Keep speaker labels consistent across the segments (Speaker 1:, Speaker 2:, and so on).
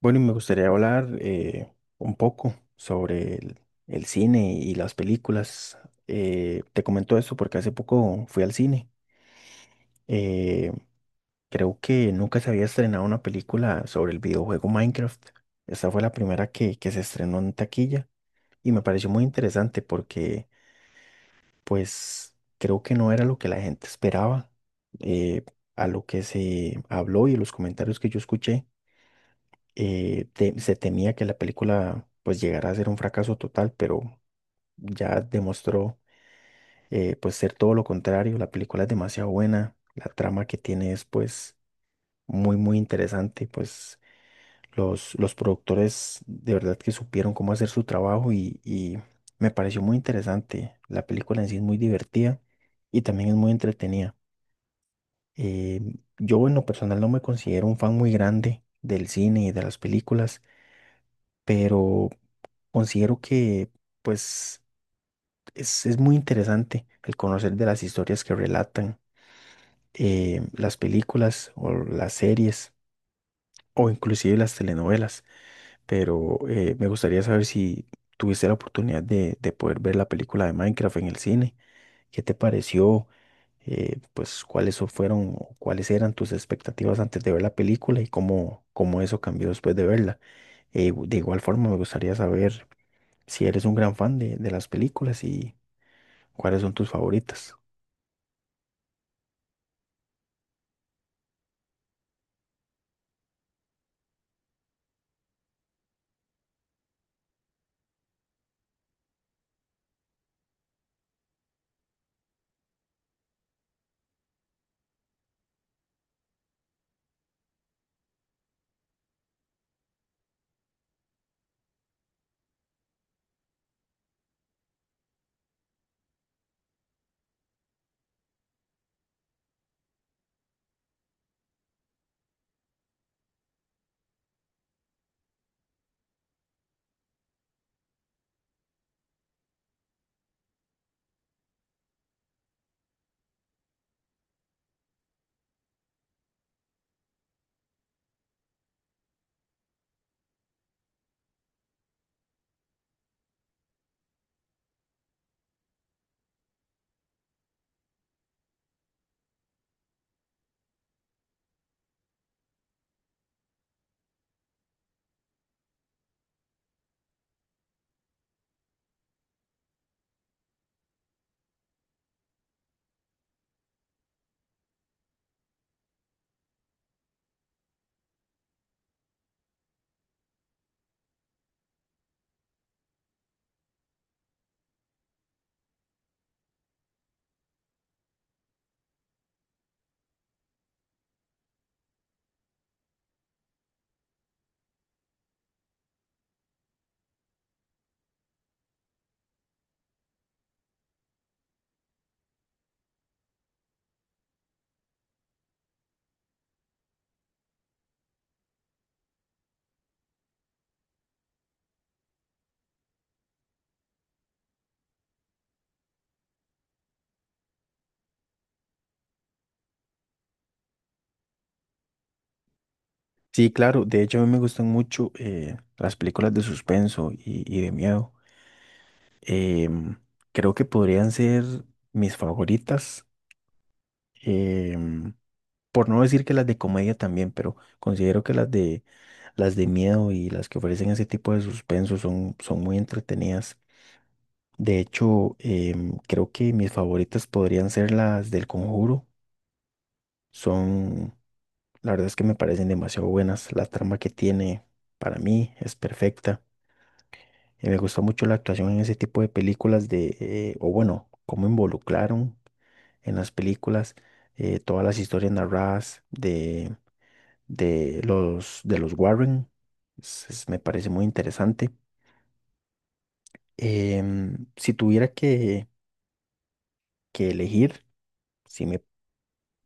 Speaker 1: Bueno, y me gustaría hablar un poco sobre el cine y las películas. Te comento esto porque hace poco fui al cine. Eh, Creo que nunca se había estrenado una película sobre el videojuego Minecraft. Esta fue la primera que se estrenó en taquilla y me pareció muy interesante porque pues creo que no era lo que la gente esperaba, eh, a lo que se habló y los comentarios que yo escuché. Se temía que la película pues llegara a ser un fracaso total, pero ya demostró, pues, ser todo lo contrario. La película es demasiado buena, la trama que tiene es pues muy muy interesante. Pues los productores de verdad que supieron cómo hacer su trabajo y me pareció muy interesante. La película en sí es muy divertida y también es muy entretenida. Eh, yo en lo personal no me considero un fan muy grande del cine y de las películas, pero considero que, pues, es muy interesante el conocer de las historias que relatan las películas o las series o inclusive las telenovelas. Pero me gustaría saber si tuviste la oportunidad de poder ver la película de Minecraft en el cine. ¿Qué te pareció? Pues, fueron o cuáles eran tus expectativas antes de ver la película y cómo eso cambió después de verla? De igual forma, me gustaría saber si eres un gran fan de las películas. ¿Y cuáles son tus favoritas? Sí, claro. De hecho, a mí me gustan mucho, las películas de suspenso y de miedo. Em, Creo que podrían ser mis favoritas. em, por no decir que las de comedia también, pero considero que las de miedo y las que ofrecen ese tipo de suspenso son, son muy entretenidas. De hecho, creo que mis favoritas podrían ser las del Conjuro. Son... La verdad es que me parecen demasiado buenas. La trama que tiene para mí es perfecta. Y me gustó mucho la actuación en ese tipo de películas de, o bueno, cómo involucraron en las películas todas las historias narradas de los Warren. Me parece muy interesante. Si tuviera que elegir, si me,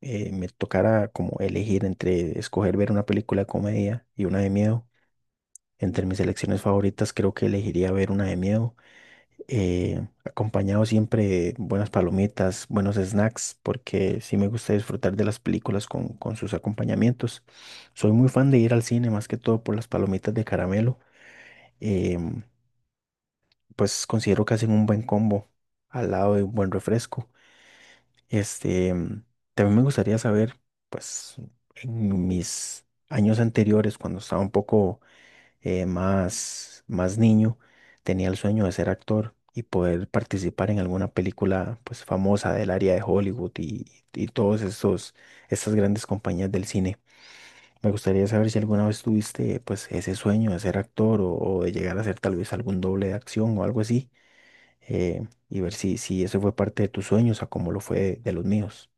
Speaker 1: me tocara como elegir entre escoger ver una película de comedia y una de miedo, entre mis selecciones favoritas creo que elegiría ver una de miedo, acompañado siempre de buenas palomitas, buenos snacks, porque sí me gusta disfrutar de las películas con sus acompañamientos. Soy muy fan de ir al cine, más que todo por las palomitas de caramelo. em, pues considero que hacen un buen combo al lado de un buen refresco. Este, em, También me gustaría saber, pues, en mis años anteriores, cuando estaba un poco más niño, tenía el sueño de ser actor y poder participar en alguna película pues famosa del área de Hollywood y todos estas grandes compañías del cine. Me gustaría saber si alguna vez tuviste pues ese sueño de ser actor o de llegar a ser tal vez algún doble de acción o algo así, y ver si eso fue parte de tus sueños o como lo fue de los míos.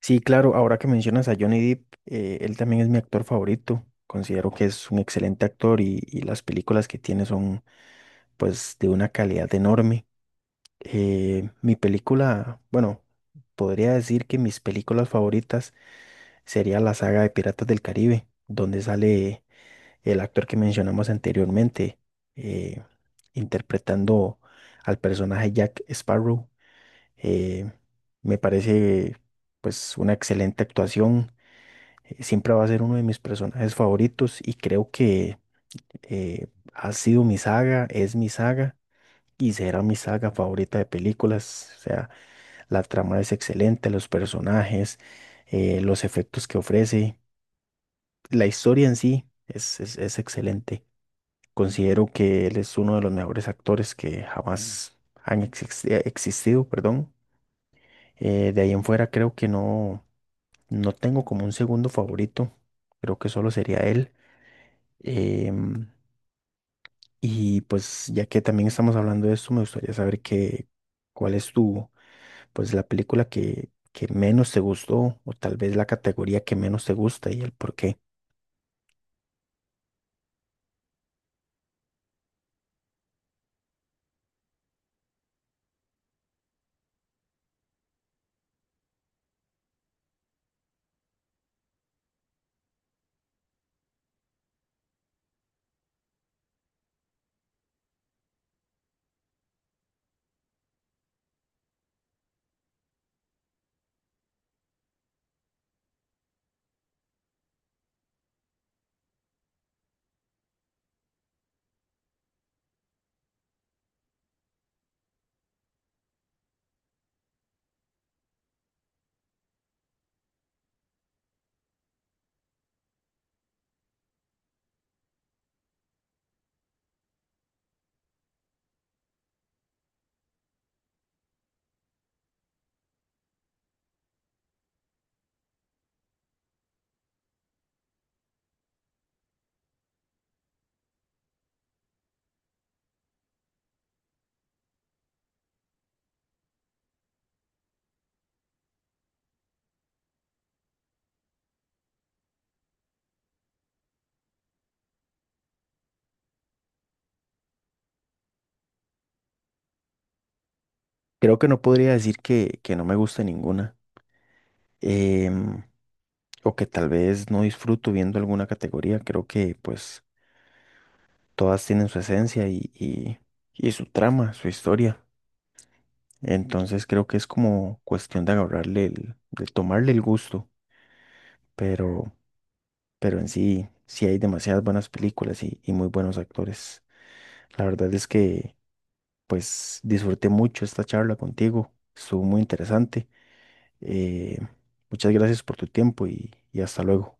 Speaker 1: Sí, claro, ahora que mencionas a Johnny Depp, él también es mi actor favorito. Considero que es un excelente actor y las películas que tiene son pues de una calidad enorme. Mi película, bueno, podría decir que mis películas favoritas sería la saga de Piratas del Caribe, donde sale el actor que mencionamos anteriormente, eh, interpretando al personaje Jack Sparrow. Eh, Me parece pues una excelente actuación. Siempre va a ser uno de mis personajes favoritos y creo que eh, ha sido mi saga, es mi saga y será mi saga favorita de películas. O sea, la trama es excelente, los personajes, los efectos que ofrece, la historia en sí es excelente. Considero que él es uno de los mejores actores que jamás existido, perdón. De ahí en fuera creo que no, no tengo como un segundo favorito, creo que solo sería él. Em, y pues ya que también estamos hablando de esto, me gustaría saber qué, cuál es tu, pues la película que menos te gustó o tal vez la categoría que menos te gusta y el por qué. Creo que no podría decir que no me gusta ninguna, em, o que tal vez no disfruto viendo alguna categoría. Creo que pues todas tienen su esencia y su trama, su historia. Entonces creo que es como cuestión de agarrarle el, de tomarle el gusto, pero... pero en sí, sí hay demasiadas buenas películas y muy buenos actores. La verdad es que, pues, disfruté mucho esta charla contigo, estuvo muy interesante. Eh, Muchas gracias por tu tiempo y hasta luego.